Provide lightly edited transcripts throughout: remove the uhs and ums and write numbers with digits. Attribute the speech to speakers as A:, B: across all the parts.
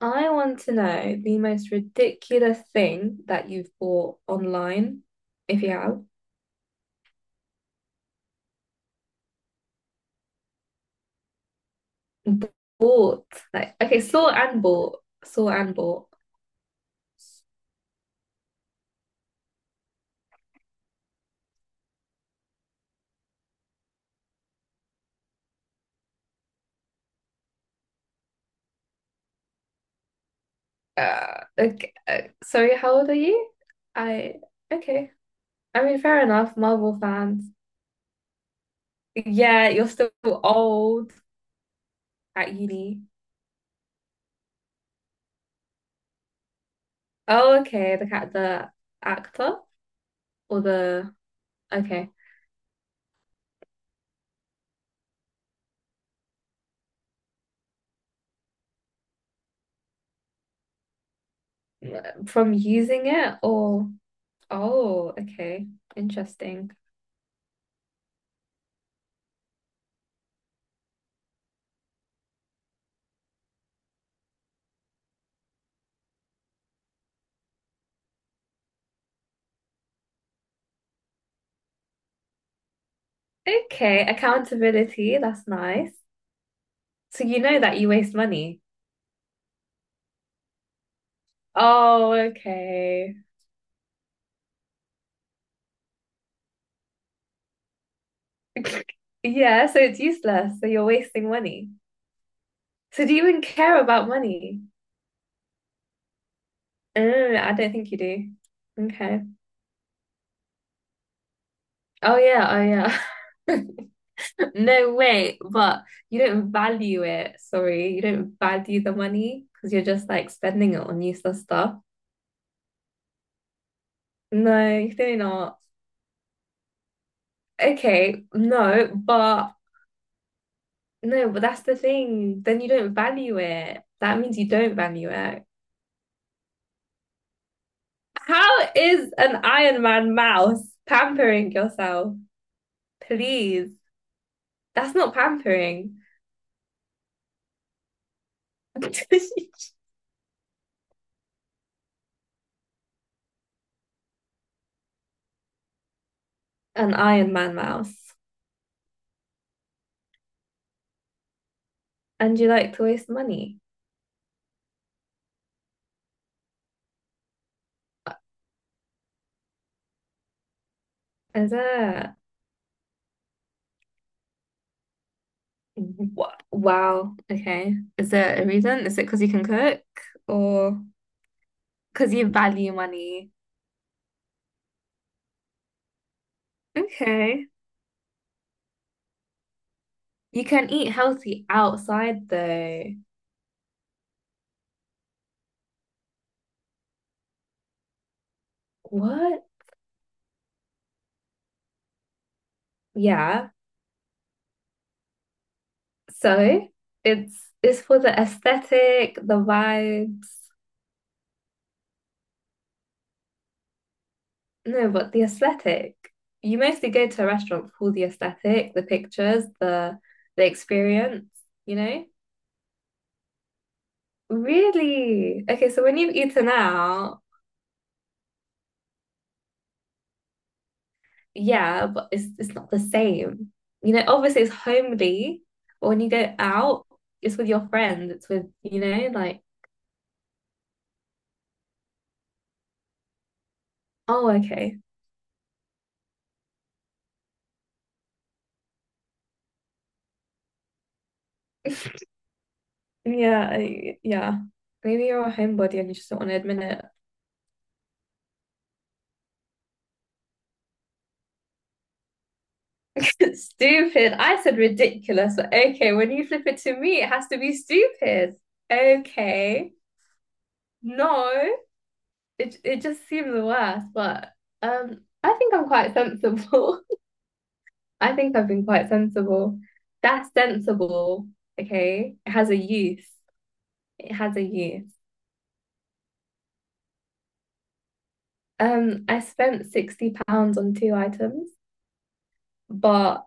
A: I want to know the most ridiculous thing that you've bought online, if you have. B- Bought, like, okay, saw and bought, saw and bought. Okay, Sorry, how old are you? I, okay. I mean, fair enough, Marvel fans. Yeah, you're still old at uni. Oh, okay, the cat, the actor or the, okay, from using it or, oh, okay, interesting. Okay, accountability, that's nice. So you know that you waste money. Oh, okay. Yeah, so it's useless. So you're wasting money. So do you even care about money? Oh, I don't think you do. Okay. Oh yeah, oh yeah. No way, but you don't value it. Sorry, you don't value the money because you're just like spending it on useless stuff. No, you do not. Okay, no, but no, but that's the thing. Then you don't value it. That means you don't value it. How is an Iron Man mouse pampering yourself? Please. That's not pampering. An Iron Man mouse. And you like to waste money. Is it? Wow. Okay. Is there a reason? Is it because you can cook or because you value money? Okay. You can eat healthy outside though. What? Yeah. So it's for the aesthetic, the vibes. No, but the aesthetic. You mostly go to a restaurant for the aesthetic, the pictures, the experience, you know? Really? Okay, so when you've eaten out, yeah, but it's not the same. You know, obviously it's homely, but when you go out, it's with your friends, it's with, you know, like, oh, okay. Yeah, yeah. Maybe you're a homebody and you just don't want to admit it. Stupid. I said ridiculous, but okay, when you flip it to me, it has to be stupid. Okay. No, it just seems the worst. But I think I'm quite sensible. I think I've been quite sensible. That's sensible. Okay. It has a use. It has a use. I spent £60 on two items. But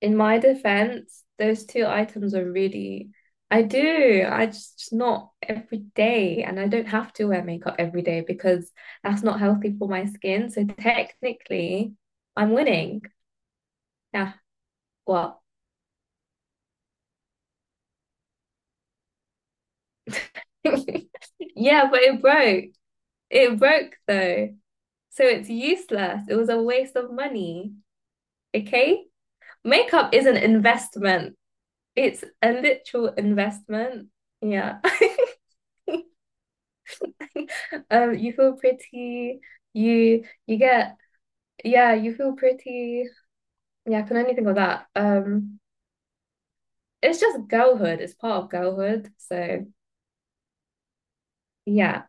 A: in my defense, those two items are really, I do. I just not every day. And I don't have to wear makeup every day because that's not healthy for my skin. So technically, I'm winning. Yeah, what? Yeah, but it broke. It broke though. So it's useless. It was a waste of money. Okay? Makeup is an investment. It's a literal investment. Yeah. You feel pretty, you get yeah, you feel pretty. Yeah, I can only think of that. It's just girlhood. It's part of girlhood. So yeah,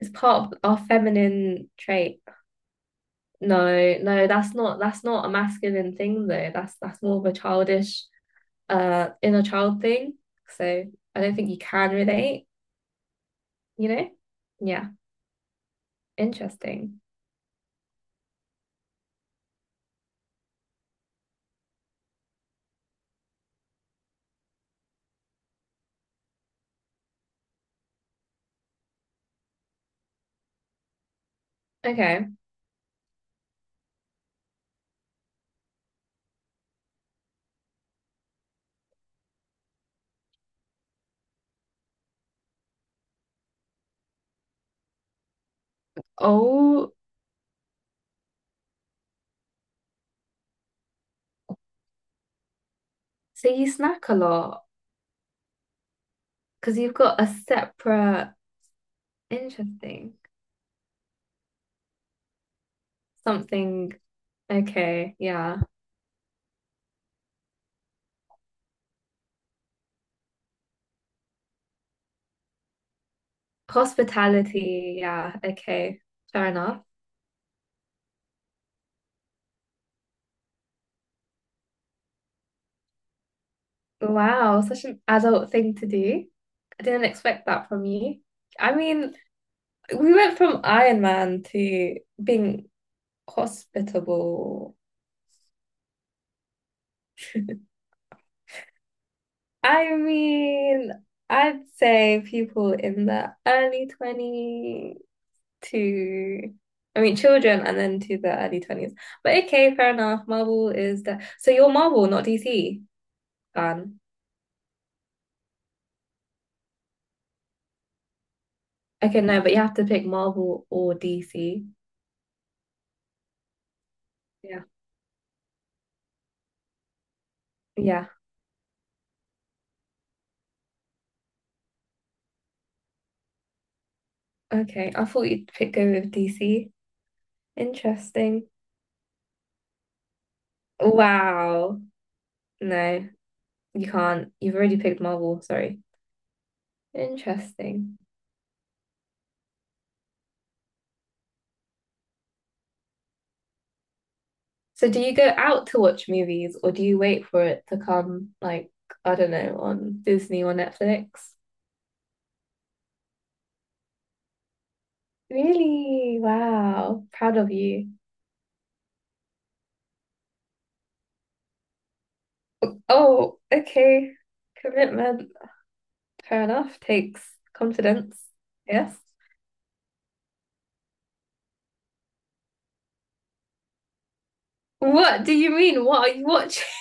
A: it's part of our feminine trait. No, no, that's not a masculine thing though. That's more of a childish, inner child thing. So I don't think you can relate, you know? Yeah, interesting. Okay. Oh, so you snack a lot because you've got a separate interesting. Something. Okay. Yeah. Hospitality. Yeah. Okay. Fair enough. Wow. Such an adult thing to do. I didn't expect that from you. I mean, we went from Iron Man to being hospitable. I mean, I'd say people in the early 20s to, I mean, children and then to the early 20s. But okay, fair enough. Marvel is the, so you're Marvel, not DC fan. Okay, no, but you have to pick Marvel or DC. Yeah. Yeah. Okay. I thought you'd pick, go with DC. Interesting. Wow. No, you can't. You've already picked Marvel, sorry. Interesting. So do you go out to watch movies or do you wait for it to come like, I don't know, on Disney or Netflix? Really? Wow. Proud of you. Oh, okay. Commitment. Fair enough. Takes confidence. Yes. What do you mean? What are you watching?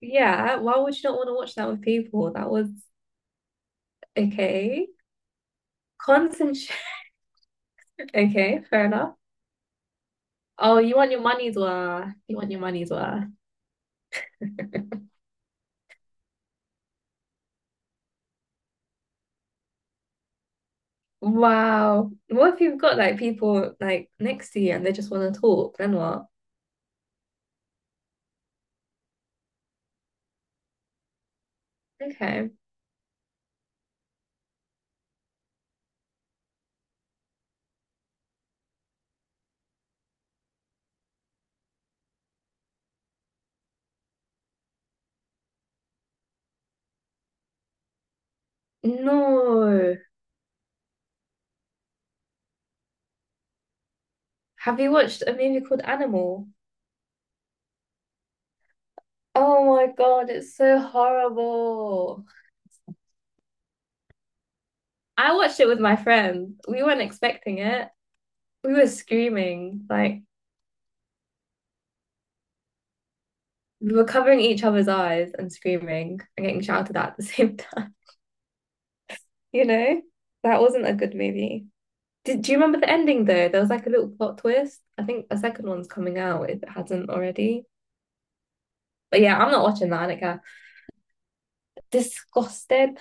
A: Yeah, why would you not want to watch that with people? That was okay. Concentrate. Okay, fair enough. Oh, you want your money's worth. You want your money's worth. Wow. What if you've got like people like next to you and they just want to talk? Then what? Okay. No. Have you watched a movie called Animal? Oh my God, it's so horrible. I watched it with my friend. We weren't expecting it. We were screaming, like we were covering each other's eyes and screaming and getting shouted at the same time, you know? That wasn't a good movie. Do you remember the ending though? There was like a little plot twist. I think a second one's coming out if it hasn't already. But yeah, I'm not watching that, Annika. Disgusted.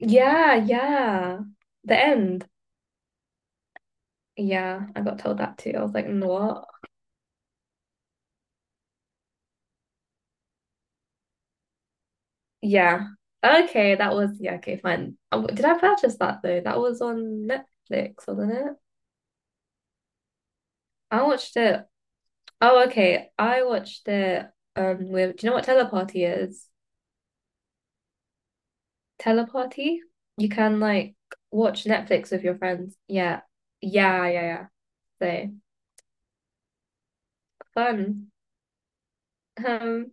A: Yeah, yeah. The end. Yeah, I got told that too. I was like, "Mm, what? Yeah. Okay, that was yeah, okay, fine. Did I purchase that though? That was on Netflix, wasn't it? I watched it. Oh, okay. I watched it with, do you know what Teleparty is? Teleparty? You can like watch Netflix with your friends. Yeah. Yeah, yeah, yeah. So fun. Um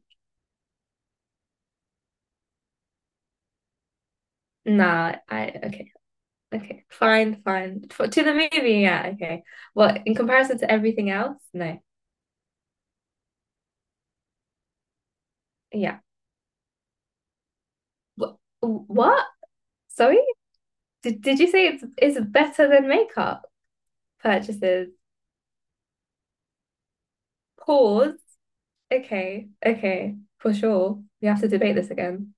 A: nah, I okay, okay. Fine, fine. For, to the movie, yeah, okay. Well, in comparison to everything else, no. Yeah. Wh- what? Sorry? Did you say it's better than makeup purchases? Pause. Okay, okay, for sure. We have to debate this again.